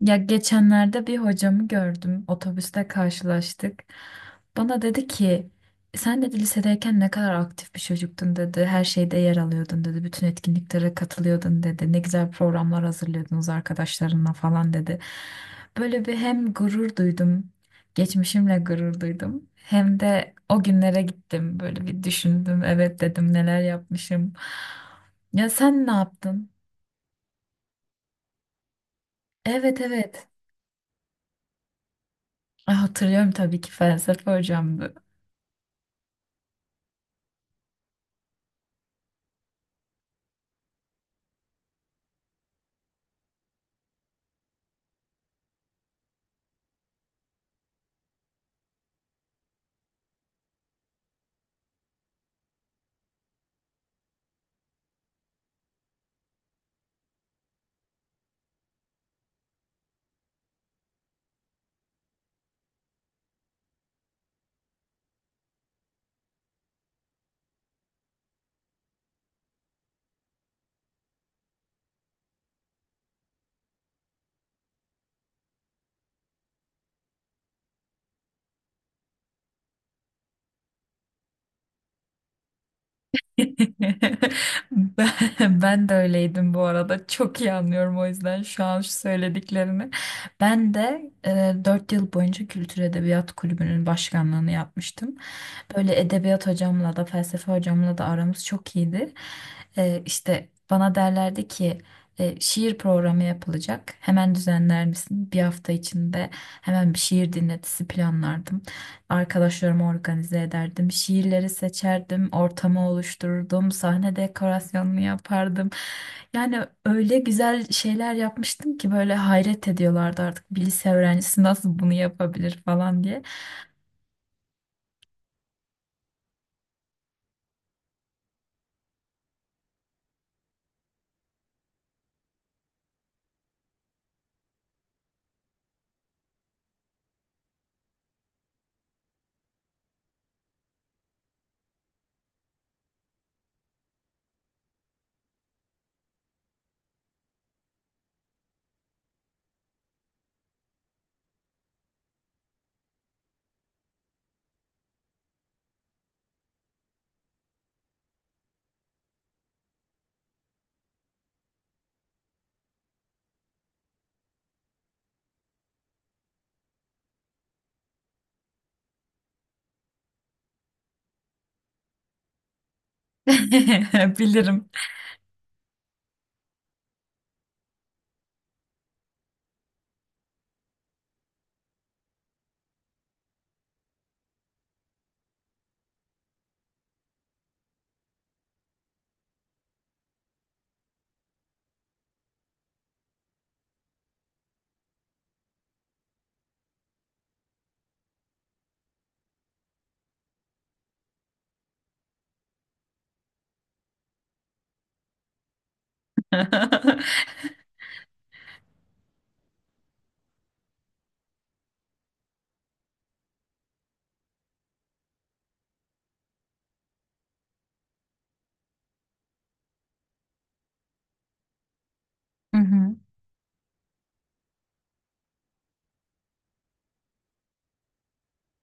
Ya geçenlerde bir hocamı gördüm. Otobüste karşılaştık. Bana dedi ki sen dedi lisedeyken ne kadar aktif bir çocuktun dedi. Her şeyde yer alıyordun dedi. Bütün etkinliklere katılıyordun dedi. Ne güzel programlar hazırlıyordunuz arkadaşlarınla falan dedi. Böyle bir hem gurur duydum. Geçmişimle gurur duydum. Hem de o günlere gittim. Böyle bir düşündüm. Evet dedim neler yapmışım. Ya sen ne yaptın? Evet, evet. Ah, hatırlıyorum tabii ki, felsefe hocamdı. Ben de öyleydim bu arada. Çok iyi anlıyorum o yüzden şu an şu söylediklerini. Ben de 4 yıl boyunca Kültür Edebiyat Kulübü'nün başkanlığını yapmıştım. Böyle edebiyat hocamla da felsefe hocamla da aramız çok iyiydi. İşte bana derlerdi ki şiir programı yapılacak. Hemen düzenler misin? Bir hafta içinde hemen bir şiir dinletisi planlardım. Arkadaşlarımı organize ederdim. Şiirleri seçerdim. Ortamı oluştururdum. Sahne dekorasyonunu yapardım. Yani öyle güzel şeyler yapmıştım ki böyle hayret ediyorlardı artık. Bir lise öğrencisi nasıl bunu yapabilir falan diye. Bilirim. Mhm.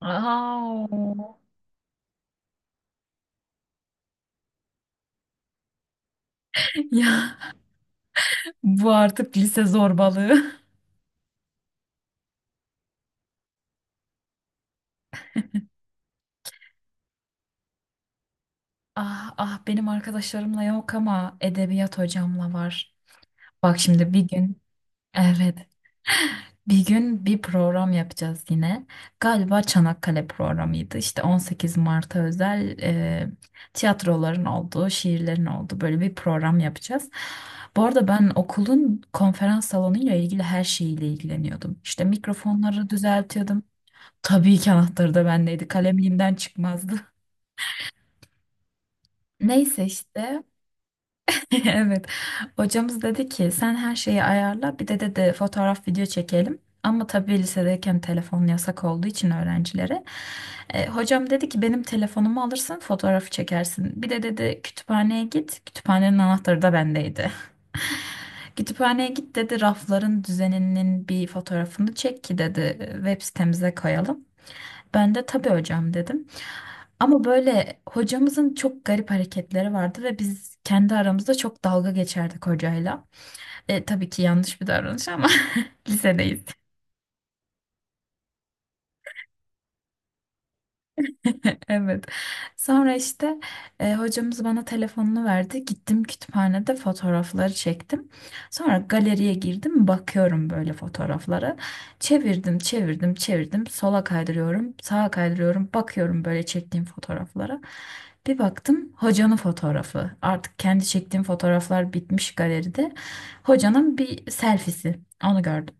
Au. Ya bu artık lise zorbalığı. Ah ah, benim arkadaşlarımla yok ama edebiyat hocamla var. Bak şimdi bir gün evet, bir gün bir program yapacağız yine. Galiba Çanakkale programıydı. İşte 18 Mart'a özel, tiyatroların olduğu, şiirlerin olduğu böyle bir program yapacağız. Bu arada ben okulun konferans salonuyla ilgili her şeyiyle ilgileniyordum. İşte mikrofonları düzeltiyordum. Tabii ki anahtarı da bendeydi. Kalem elimden çıkmazdı. Neyse işte. Evet. Hocamız dedi ki sen her şeyi ayarla, bir de dedi fotoğraf video çekelim. Ama tabii lisedeyken telefon yasak olduğu için öğrencilere. Hocam dedi ki benim telefonumu alırsın fotoğrafı çekersin. Bir de dedi kütüphaneye git. Kütüphanenin anahtarı da bendeydi. Kütüphaneye git dedi, rafların düzeninin bir fotoğrafını çek ki dedi web sitemize koyalım. Ben de tabii hocam dedim. Ama böyle hocamızın çok garip hareketleri vardı ve biz kendi aramızda çok dalga geçerdik hocayla. Tabii ki yanlış bir davranış ama lisedeyiz. Evet. Sonra işte hocamız bana telefonunu verdi. Gittim kütüphanede fotoğrafları çektim. Sonra galeriye girdim, bakıyorum böyle fotoğraflara. Çevirdim, çevirdim, çevirdim. Sola kaydırıyorum, sağa kaydırıyorum. Bakıyorum böyle çektiğim fotoğraflara. Bir baktım hocanın fotoğrafı. Artık kendi çektiğim fotoğraflar bitmiş galeride. Hocanın bir selfie'si. Onu gördüm.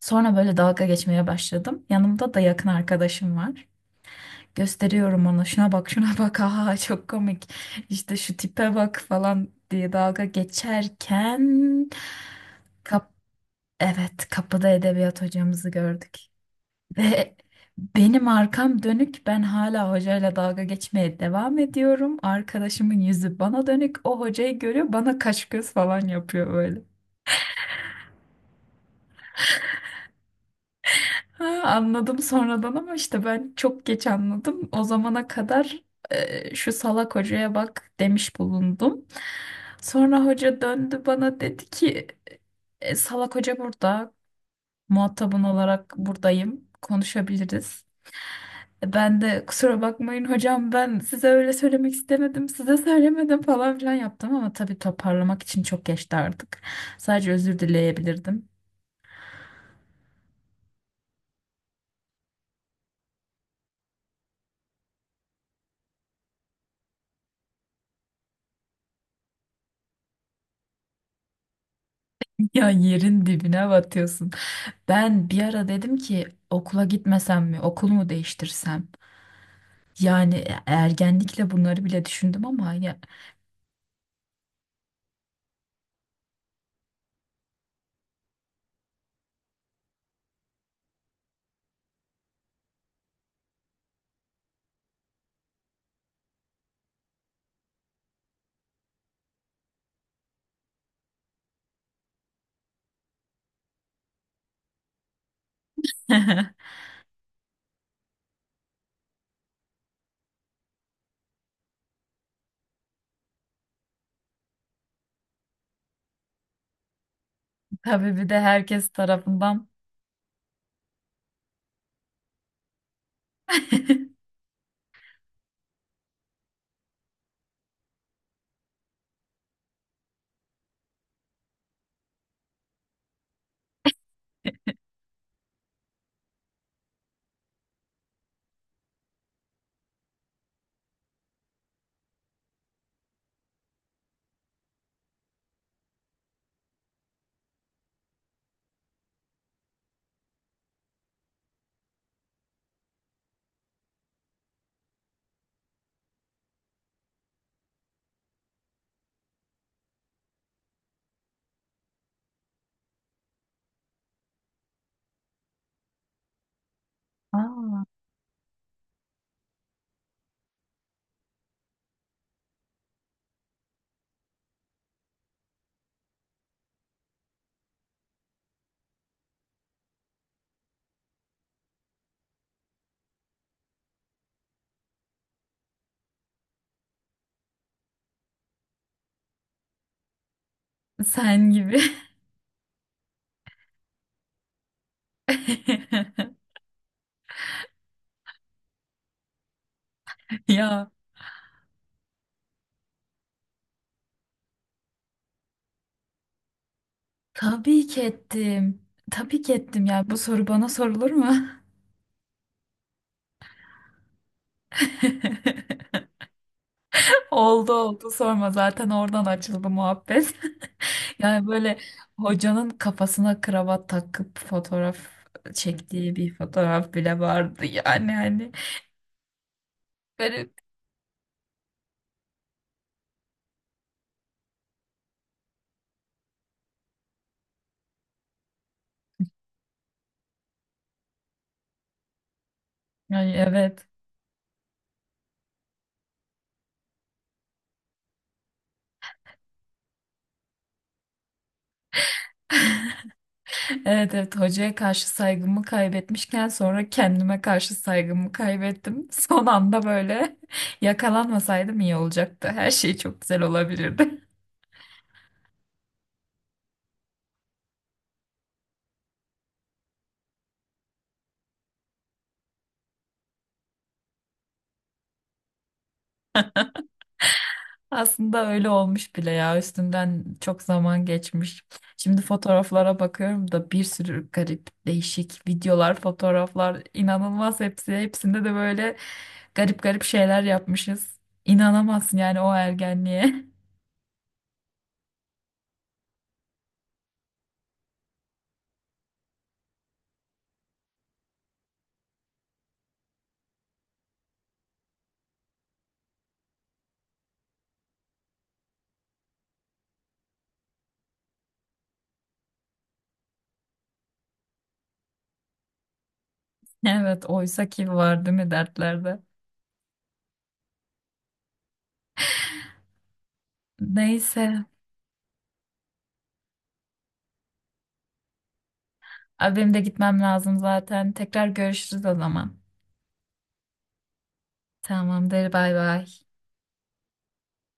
Sonra böyle dalga geçmeye başladım. Yanımda da yakın arkadaşım var. Gösteriyorum ona, şuna bak şuna bak, aha çok komik, işte şu tipe bak falan diye dalga geçerken kap evet, kapıda edebiyat hocamızı gördük ve benim arkam dönük, ben hala hocayla dalga geçmeye devam ediyorum, arkadaşımın yüzü bana dönük, o hocayı görüyor, bana kaş göz falan yapıyor. Ha, anladım sonradan ama işte ben çok geç anladım. O zamana kadar şu salak hocaya bak demiş bulundum. Sonra hoca döndü bana dedi ki "E, salak hoca burada, muhatabın olarak buradayım, konuşabiliriz." Ben de kusura bakmayın hocam ben size öyle söylemek istemedim, size söylemedim falan filan yaptım ama tabii toparlamak için çok geçti artık. Sadece özür dileyebilirdim. Ya yerin dibine batıyorsun. Ben bir ara dedim ki okula gitmesem mi, okul mu değiştirsem? Yani ergenlikle bunları bile düşündüm ama ya. Tabii bir de herkes tarafından. Aa, sen gibi. Ya tabii ki ettim. Tabii ki ettim ya. Bu soru bana sorulur mu? Oldu oldu, sorma, zaten oradan açıldı muhabbet. Yani böyle hocanın kafasına kravat takıp fotoğraf çektiği bir fotoğraf bile vardı yani, hani garip. Yani evet. Evet evet, hocaya karşı saygımı kaybetmişken sonra kendime karşı saygımı kaybettim. Son anda böyle yakalanmasaydım iyi olacaktı. Her şey çok güzel olabilirdi. Aslında öyle olmuş bile ya. Üstünden çok zaman geçmiş. Şimdi fotoğraflara bakıyorum da bir sürü garip, değişik videolar, fotoğraflar, inanılmaz hepsi. Hepsinde de böyle garip garip şeyler yapmışız. İnanamazsın yani o ergenliğe. Evet, oysa ki var değil mi dertlerde? Neyse. Abi benim de gitmem lazım zaten. Tekrar görüşürüz o zaman. Tamamdır, bay bay.